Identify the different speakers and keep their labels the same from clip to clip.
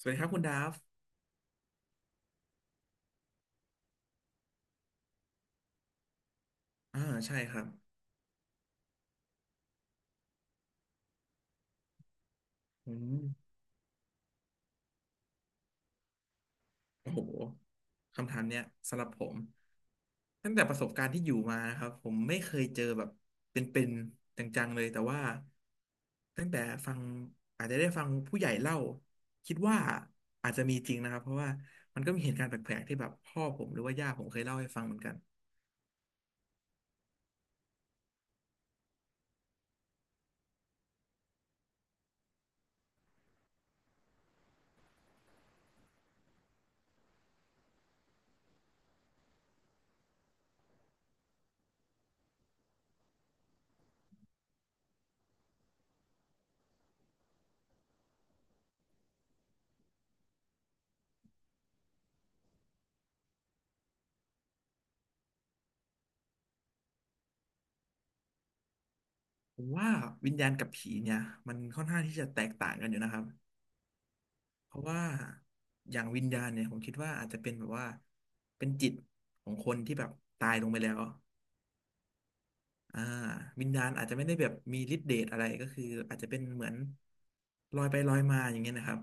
Speaker 1: สวัสดีครับคุณดาฟอ่าใช่ครับอืมโอ้โหคำถามเนี้ยสำหรับผมตั้งแต่ประสบการณ์ที่อยู่มานะครับผมไม่เคยเจอแบบเป็นๆจังๆเลยแต่ว่าตั้งแต่ฟังอาจจะได้ฟังผู้ใหญ่เล่าคิดว่าอาจจะมีจริงนะครับเพราะว่ามันก็มีเหตุการณ์แปลกๆที่แบบพ่อผมหรือว่าย่าผมเคยเล่าให้ฟังเหมือนกันผมว่าวิญญาณกับผีเนี่ยมันค่อนข้างที่จะแตกต่างกันอยู่นะครับ เพราะว่าอย่างวิญญาณเนี่ยผมคิดว่าอาจจะเป็นแบบว่าเป็นจิตของคนที่แบบตายลงไปแล้วอ่าวิญญาณอาจจะไม่ได้แบบมีฤทธิ์เดชอะไรก็คืออาจจะเป็นเหมือนลอยไปลอยมาอย่างเงี้ยนะครับ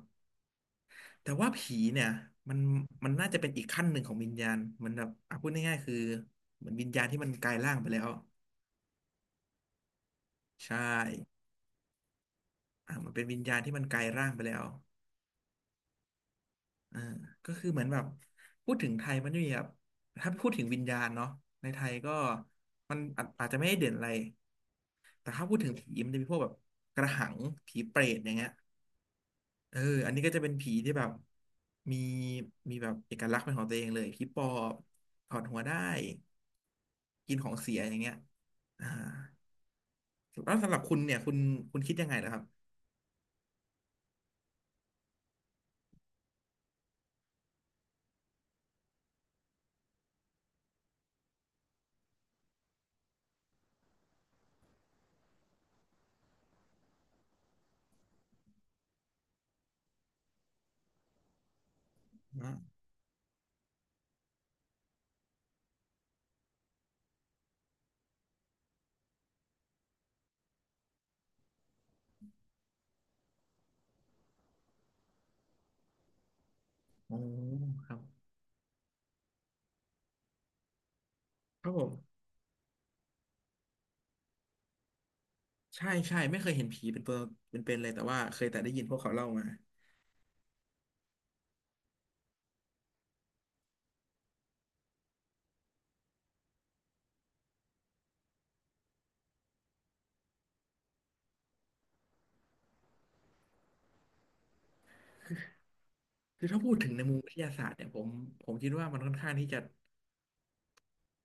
Speaker 1: แต่ว่าผีเนี่ยมันมันน่าจะเป็นอีกขั้นหนึ่งของวิญญาณเหมือนแบบอ่ะพูดง่ายๆคือเหมือนวิญญาณที่มันกลายร่างไปแล้วใช่อ่ามันเป็นวิญญาณที่มันกลายร่างไปแล้ว อ่าก็คือเหมือนแบบพูดถึงไทยมันจะมีแบบถ้าพูดถึงวิญญาณเนาะในไทยก็มันอาจจะไม่ได้เด่นอะไรแต่ถ้าพูดถึงผีมันจะมีพวกแบบกระหังผีเปรตอย่างเงี้ยเอออันนี้ก็จะเป็นผีที่แบบมีมีแบบเอกลักษณ์เป็นของตัวเองเลยผีปอบถอดหัวได้กินของเสียอย่างเงี้ยอ่าแล้วสำหรับคุณเนี่ยคุณคิดยังไงล่ะครับอ่าโอ้ครับครับผมใช่ใช่ไม่เคยเห็นผีเป็นตัวเป็นเลยแต่ว่าเคยแต่ได้ยินพวกเขาเล่ามา คือถ้าพูดถึงในมุมวิทยาศาสตร์เนี่ยผมคิดว่ามันค่อนข้างที่จะ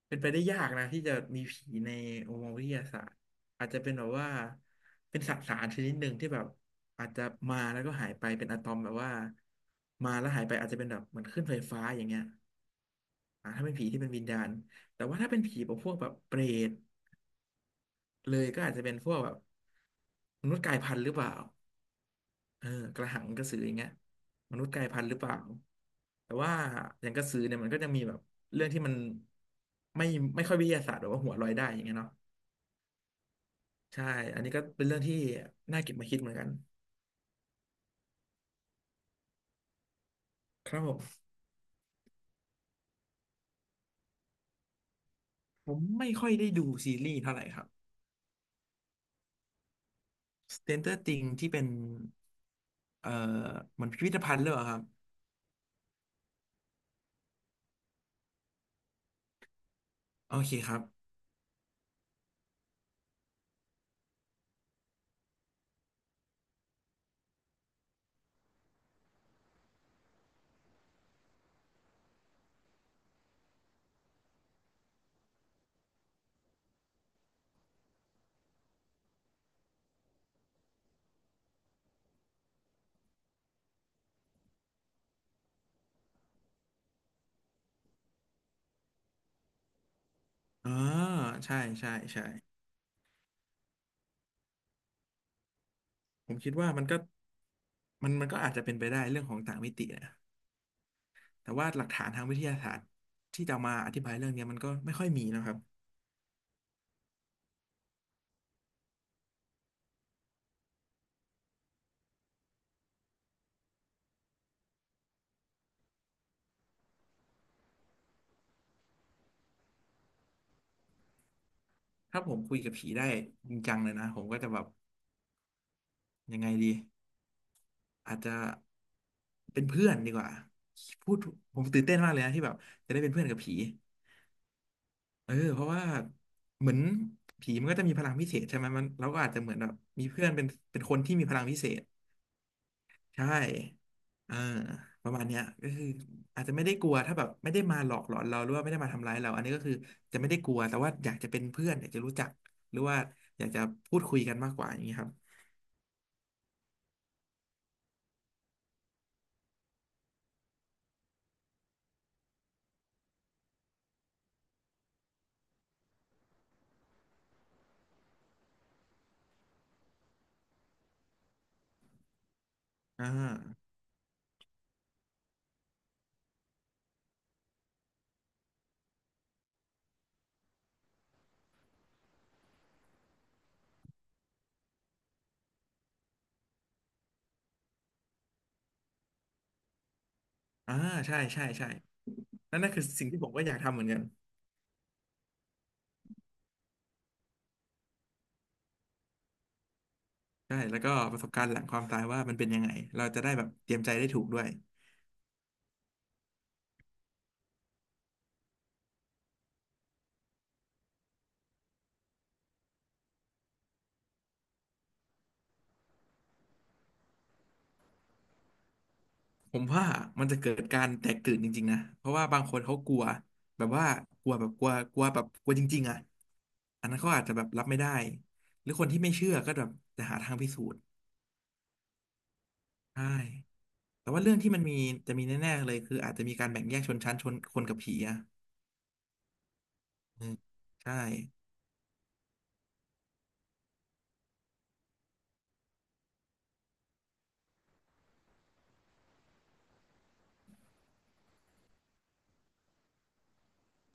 Speaker 1: เป็นไปได้ยากนะที่จะมีผีในมุมมองวิทยาศาสตร์อาจจะเป็นแบบว่าเป็นสสารชนิดหนึ่งที่แบบอาจจะมาแล้วก็หายไปเป็นอะตอมแบบว่ามาแล้วหายไปอาจจะเป็นแบบเหมือนขึ้นไฟฟ้าอย่างเงี้ยอ่าถ้าเป็นผีที่เป็นวิญญาณแต่ว่าถ้าเป็นผีแบบพวกแบบเปรตเลยก็อาจจะเป็นพวกแบบมนุษย์กลายพันธุ์หรือเปล่า เออกระหังกระสืออย่างเงี้ยมนุษย์กลายพันธุ์หรือเปล่าแต่ว่าอย่างกระสือเนี่ยมันก็จะมีแบบเรื่องที่มันไม่ไม่ค่อยวิทยาศาสตร์หรือว่าหัวลอยได้อย่างเงี้ยเนาะใช่อันนี้ก็เป็นเรื่องที่น่าเก็บมาคิดเหมือนกันครับผมผมไม่ค่อยได้ดูซีรีส์เท่าไหร่ครับ Stranger Things ที่เป็นเอ่อเหมือนพิพิธภัณฑ์หรือเปล่าครับโอเคครับอ่าใช่ใช่ใช่ผมคิดว่ามันก็มันก็อาจจะเป็นไปได้เรื่องของต่างมิตินะ แต่ว่าหลักฐานทางวิทยาศาสตร์ที่จะอมาอธิบายเรื่องเนี้ยมันก็ไม่ค่อยมีนะครับถ้าผมคุยกับผีได้จริงจังเลยนะผมก็จะแบบยังไงดีอาจจะเป็นเพื่อนดีกว่าพูดผมตื่นเต้นมากเลยนะที่แบบจะได้เป็นเพื่อนกับผีเออเพราะว่าเหมือนผีมันก็จะมีพลังพิเศษใช่ไหมมันเราก็อาจจะเหมือนแบบมีเพื่อนเป็นคนที่มีพลังพิเศษ ใช่เออประมาณเนี้ยก็คืออาจจะไม่ได้กลัวถ้าแบบไม่ได้มาหลอกหลอนเราหรือว่าไม่ได้มาทำร้ายเราอันนี้ก็คือจะไม่ได้กลัวแต่ว่าอยากจะเป็นเพื่อนอยากจะรู้จัก หรือว่าอยากจะพูดคุยกันมากกว่าอย่างนี้ครับอ่าอ่าใช่ใช่ใช่นั่นน่ะคือสิ่งที่ผมก็อยากทำเหมือนกันใช่แล้วก็ประสบการณ์หลังความตายว่ามันเป็นยังไงเราจะได้แบบเตรียมใจได้ถูกด้วย ผมว่ามันจะเกิดการแตกตื่นจริงๆนะเพราะว่าบางคนเขากลัวแบบว่ากลัวแบบกลัวกลัวแบบกลัวจริงๆอ่ะอันนั้นเขาอาจจะแบบรับไม่ได้หรือคนที่ไม่เชื่อก็แบบจะหาทางพิสูจน์ใช่แต่ว่าเรื่องที่มันมีจะมีแน่ๆเลยคืออาจจะมีการแบ่งแยกชนชั้นชนคนกับผีอ่ะอืมใช่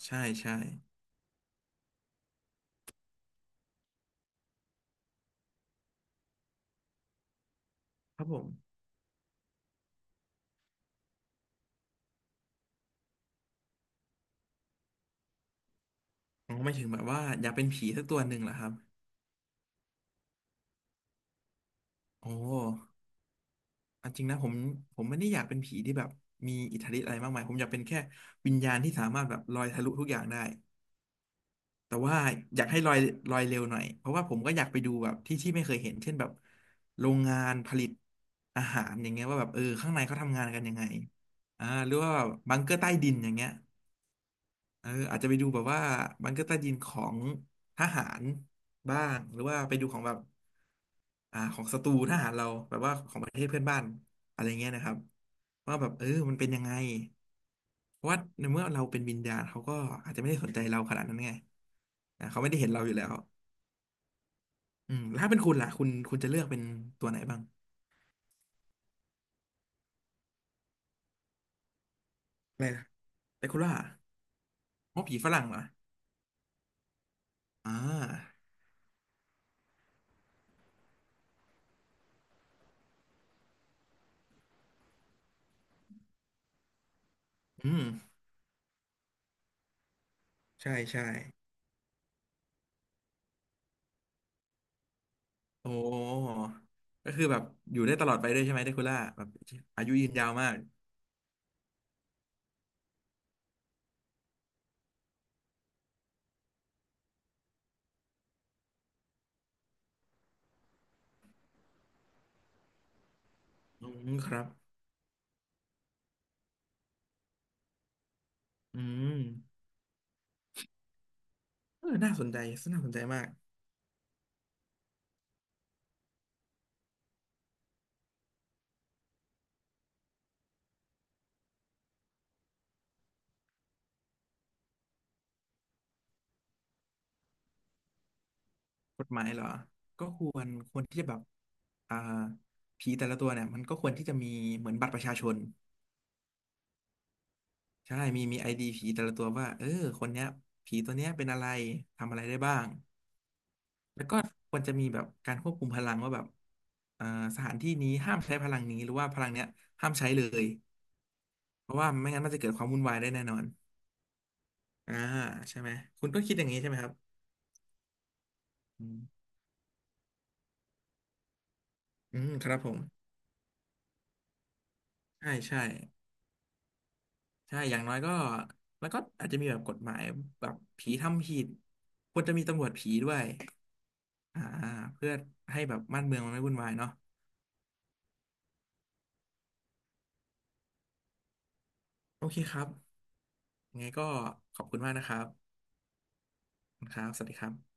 Speaker 1: ใช่ใช่ครับผมอ๋อไม่ถึงแบบว่าอยากเป็นผีสักตัวหนึ่งเหรอครับโอ้ อันจริงนะผมไม่ได้อยากเป็นผีที่แบบมีอิทธิฤทธิ์อะไรมากมายผมอยากเป็นแค่วิญญาณที่สามารถแบบลอยทะลุทุกอย่างได้แต่ว่าอยากให้ลอยเร็วหน่อยเพราะว่าผมก็อยากไปดูแบบที่ไม่เคยเห็นเช่นแบบโรงงานผลิตอาหารอย่างเงี้ยว่าแบบเออข้างในเขาทำงานกันยังไงอ่าหรือว่าแบบบังเกอร์ใต้ดินอย่างเงี้ย เอออาจจะไปดูแบบว่าบังเกอร์ใต้ดินของทหารบ้างหรือว่าไปดูของแบบของศัตรูทหารเราแบบว่าของประเทศเพื่อนบ้านอะไรเงี้ยนะครับว่าแบบเออมันเป็นยังไงเพราะว่าในเมื่อเราเป็นวิญญาณเขาก็อาจจะไม่ได้สนใจเราขนาดนั้นไงนะเขาไม่ได้เห็นเราอยู่แล้วอืมแล้วถ้าเป็นคุณล่ะคุณจะเลือกเป็นตัวไหนบ้างอะไรนะเปคุณล่าเพราะมอผีฝรั่งเหรออ่าอืมใช่ใช่ โอ้ก็คือแบบอยู่ได้ตลอดไปด้วยใช่ไหมเดคูล่าแบบอายุยืนยาวมากอืมครับอืมเออน่าสนใจน่าสนใจมากกฎหมายเหรอก็ควรที่จะแบบอ่าผีแต่ละตัวเนี่ยมันก็ควรที่จะมีเหมือนบัตรประชาชนใช่มีไอดีผีแต่ละตัวว่าเออคนเนี้ยผีตัวเนี้ยเป็นอะไรทำอะไรได้บ้างแล้วก็ควรจะมีแบบการควบคุมพลังว่าแบบสถานที่นี้ห้ามใช้พลังนี้หรือว่าพลังเนี้ยห้ามใช้เลยเพราะว่าไม่งั้นมันจะเกิดความวุ่นวายได้แน่นอน อ่าใช่ไหมคุณก็คิดอย่างนี้ใช่ไหมครับอืมอืมครับผมใช่ใช่ใช่อย่างน้อยก็แล้วก็อาจจะมีแบบกฎหมายแบบผีทำผิดควรจะมีตำรวจผีด้วยอ่าเพื่อให้แบบบ้านเมืองมันไม่วุ่นวายเนาะโอเคครับยังไงก็ขอบคุณมากนะครับขอบคุณครับสวัสดีครับ